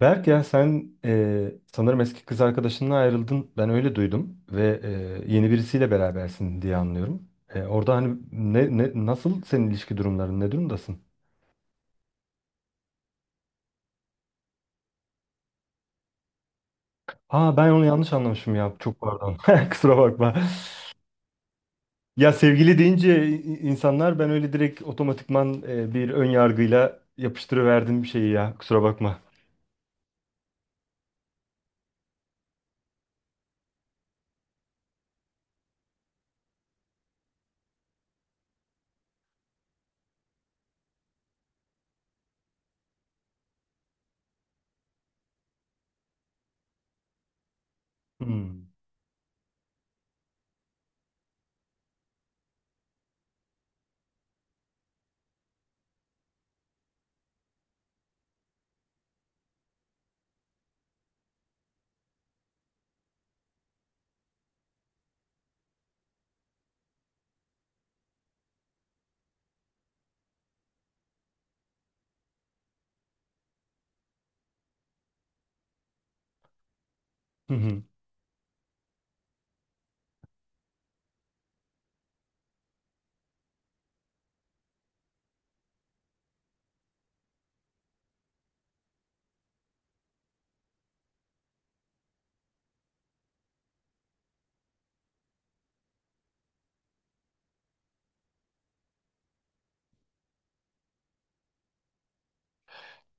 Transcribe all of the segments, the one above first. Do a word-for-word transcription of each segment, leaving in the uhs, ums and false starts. Berk ya sen e, sanırım eski kız arkadaşınla ayrıldın. Ben öyle duydum ve e, yeni birisiyle berabersin diye anlıyorum. E, orada hani ne, ne nasıl senin ilişki durumların ne durumdasın? Aa ben onu yanlış anlamışım ya. Çok pardon. Kusura bakma. Ya sevgili deyince i- insanlar ben öyle direkt otomatikman e, bir ön yargıyla yapıştırıverdim bir şeyi ya. Kusura bakma. Hmm. Hı hı.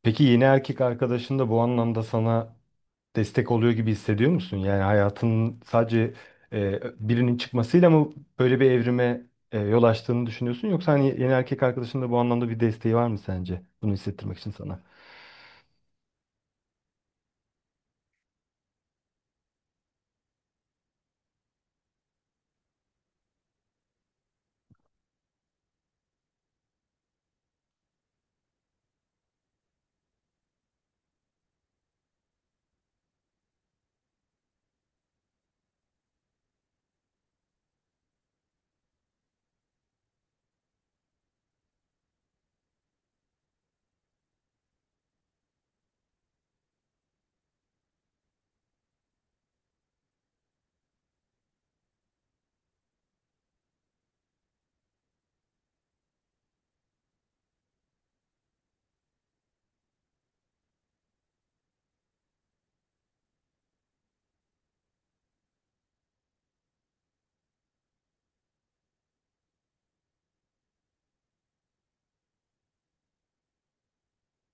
Peki yeni erkek arkadaşın da bu anlamda sana destek oluyor gibi hissediyor musun? Yani hayatının sadece e, birinin çıkmasıyla mı böyle bir evrime e, yol açtığını düşünüyorsun? Yoksa hani yeni erkek arkadaşın da bu anlamda bir desteği var mı sence? Bunu hissettirmek için sana.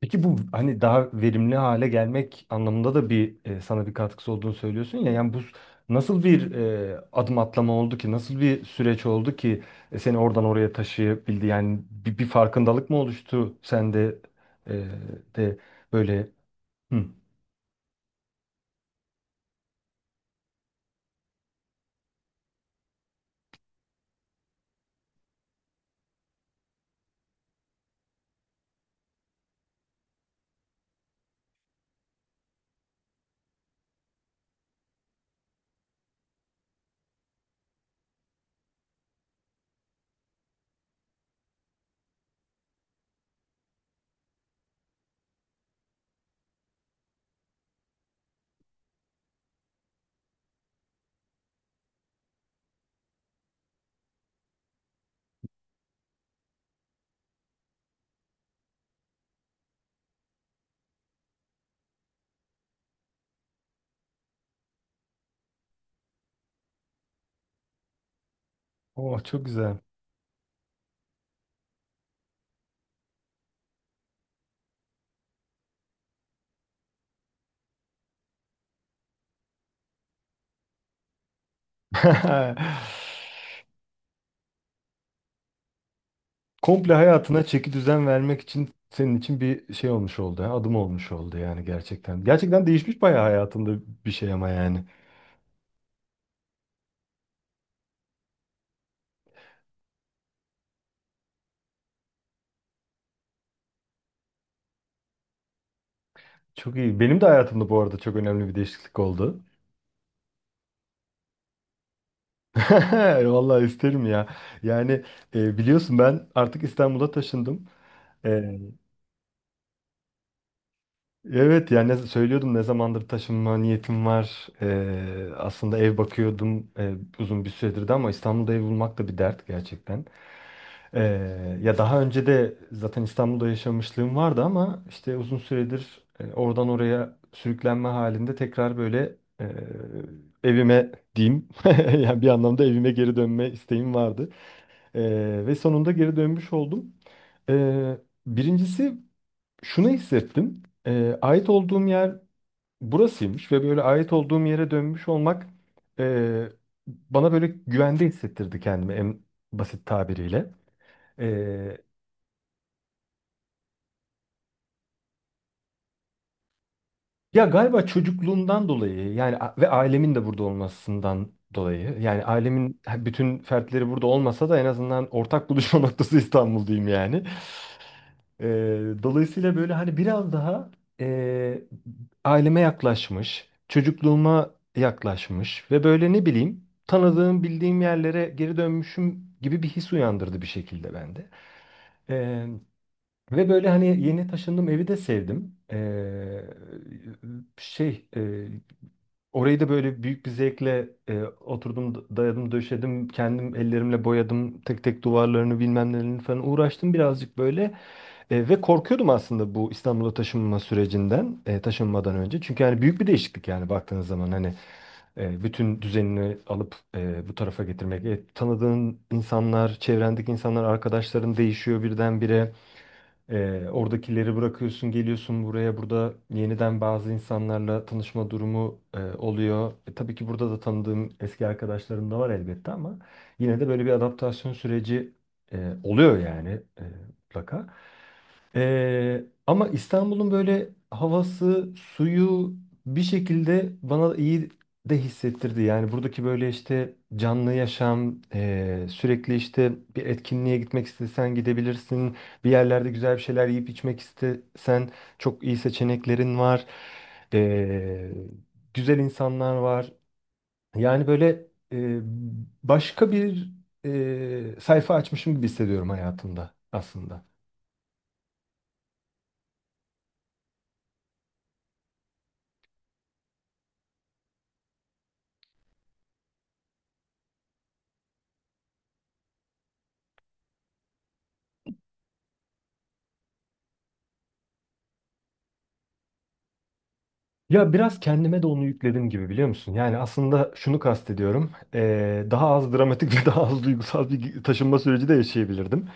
Peki bu hani daha verimli hale gelmek anlamında da bir e, sana bir katkısı olduğunu söylüyorsun ya. Yani bu nasıl bir e, adım atlama oldu ki? Nasıl bir süreç oldu ki e, seni oradan oraya taşıyabildi? Yani bir, bir farkındalık mı oluştu sende e, de böyle? Hı. Oh çok güzel. Komple hayatına çeki düzen vermek için senin için bir şey olmuş oldu. ha, Adım olmuş oldu yani gerçekten. Gerçekten değişmiş bayağı hayatında bir şey ama yani. Çok iyi. Benim de hayatımda bu arada çok önemli bir değişiklik oldu. Vallahi isterim ya. Yani e, biliyorsun ben artık İstanbul'a taşındım. E, evet yani ne- söylüyordum ne zamandır taşınma niyetim var. E, aslında ev bakıyordum e, uzun bir süredir de ama İstanbul'da ev bulmak da bir dert gerçekten. Ee, ya daha önce de zaten İstanbul'da yaşamışlığım vardı ama işte uzun süredir e, oradan oraya sürüklenme halinde tekrar böyle e, evime diyeyim yani bir anlamda evime geri dönme isteğim vardı. Ee, ve sonunda geri dönmüş oldum. Ee, Birincisi şunu hissettim. Ee, ait olduğum yer burasıymış ve böyle ait olduğum yere dönmüş olmak e, bana böyle güvende hissettirdi kendimi en basit tabiriyle. Ee, Ya galiba çocukluğumdan dolayı yani a- ve ailemin de burada olmasından dolayı yani ailemin bütün fertleri burada olmasa da en azından ortak buluşma noktası İstanbul diyeyim yani. Ee, Dolayısıyla böyle hani biraz daha e, aileme yaklaşmış, çocukluğuma yaklaşmış ve böyle ne bileyim tanıdığım bildiğim yerlere geri dönmüşüm gibi bir his uyandırdı bir şekilde bende. Ve böyle hani yeni taşındığım evi de sevdim. Ee, şey e, Orayı da böyle büyük bir zevkle e, oturdum dayadım döşedim kendim ellerimle boyadım tek tek duvarlarını bilmem nelerini falan uğraştım birazcık böyle. E, ve korkuyordum aslında bu İstanbul'a taşınma sürecinden e, taşınmadan önce. Çünkü yani büyük bir değişiklik yani baktığınız zaman hani e, bütün düzenini alıp e, bu tarafa getirmek. E, tanıdığın insanlar, çevrendeki insanlar, arkadaşların değişiyor birdenbire. Ee, oradakileri bırakıyorsun, geliyorsun buraya. Burada yeniden bazı insanlarla tanışma durumu e, oluyor. E, tabii ki burada da tanıdığım eski arkadaşlarım da var elbette ama yine de böyle bir adaptasyon süreci e, oluyor yani e, mutlaka. Ee, ama İstanbul'un böyle havası, suyu bir şekilde bana iyi de hissettirdi. Yani buradaki böyle işte canlı yaşam, ee, sürekli işte bir etkinliğe gitmek istesen gidebilirsin. Bir yerlerde güzel bir şeyler yiyip içmek istesen çok iyi seçeneklerin var. Ee, Güzel insanlar var. Yani böyle ee, başka bir ee, sayfa açmışım gibi hissediyorum hayatımda aslında. Ya biraz kendime de onu yükledim gibi biliyor musun? Yani aslında şunu kastediyorum. Eee, daha az dramatik ve daha az duygusal bir taşınma süreci de yaşayabilirdim.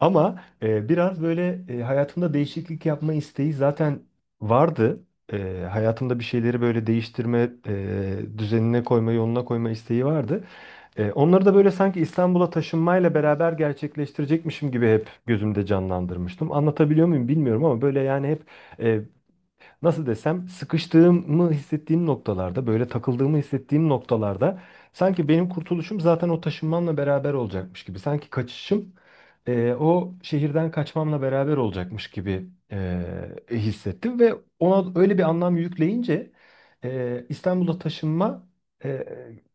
Ama eee, biraz böyle eee, hayatımda değişiklik yapma isteği zaten vardı. Eee, hayatımda bir şeyleri böyle değiştirme, eee, düzenine koyma, yoluna koyma isteği vardı. Eee, onları da böyle sanki İstanbul'a taşınmayla beraber gerçekleştirecekmişim gibi hep gözümde canlandırmıştım. Anlatabiliyor muyum bilmiyorum ama böyle yani hep nasıl desem sıkıştığımı hissettiğim noktalarda böyle takıldığımı hissettiğim noktalarda sanki benim kurtuluşum zaten o taşınmamla beraber olacakmış gibi. Sanki kaçışım e, o şehirden kaçmamla beraber olacakmış gibi e, hissettim ve ona öyle bir anlam yükleyince e, İstanbul'a taşınma e,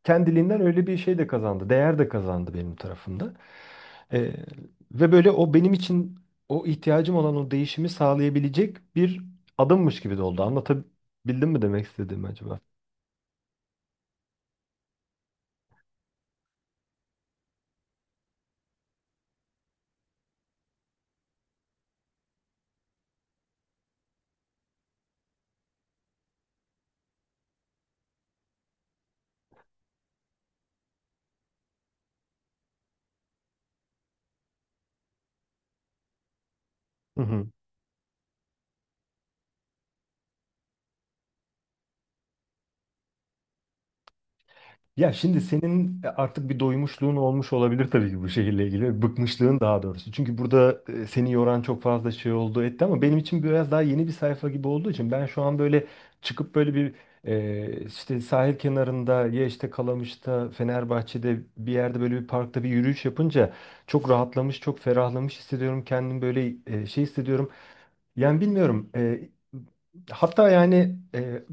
kendiliğinden öyle bir şey de kazandı, değer de kazandı benim tarafımda. Ee, Ve böyle o benim için o ihtiyacım olan o değişimi sağlayabilecek bir adımmış gibi de oldu. Anlatabildim mi demek istediğimi acaba? Ya şimdi senin e, artık bir doymuşluğun olmuş olabilir tabii ki bu şehirle ilgili. Bıkmışlığın daha doğrusu. Çünkü burada e, seni yoran çok fazla şey oldu etti ama benim için biraz daha yeni bir sayfa gibi olduğu için ben şu an böyle çıkıp böyle bir e, işte sahil kenarında ya işte Kalamış'ta, Fenerbahçe'de bir yerde böyle bir parkta bir yürüyüş yapınca çok rahatlamış, çok ferahlamış hissediyorum. Kendimi böyle e, şey hissediyorum. Yani bilmiyorum. e, Hatta yani e,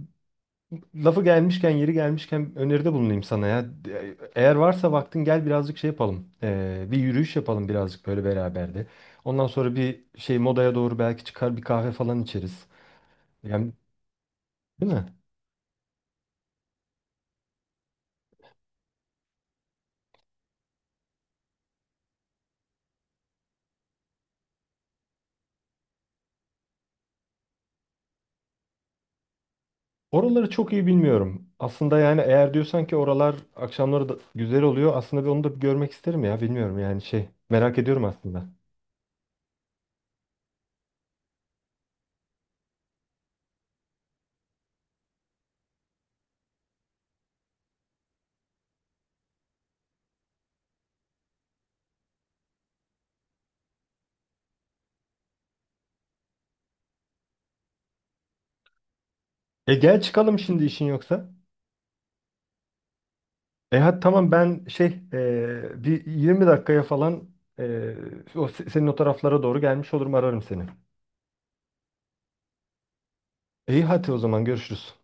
lafı gelmişken, yeri gelmişken öneride bulunayım sana ya. E- Eğer varsa vaktin gel birazcık şey yapalım. Ee, bir yürüyüş yapalım birazcık böyle beraber de. Ondan sonra bir şey modaya doğru belki çıkar bir kahve falan içeriz. Yani değil mi? Oraları çok iyi bilmiyorum. Aslında yani eğer diyorsan ki oralar akşamları da güzel oluyor. Aslında bir onu da bir görmek isterim ya. Bilmiyorum yani şey. Merak ediyorum aslında. E gel çıkalım şimdi işin yoksa. E hadi tamam ben şey e, bir yirmi dakikaya falan e, o se- senin o taraflara doğru gelmiş olurum ararım seni. İyi hadi o zaman görüşürüz.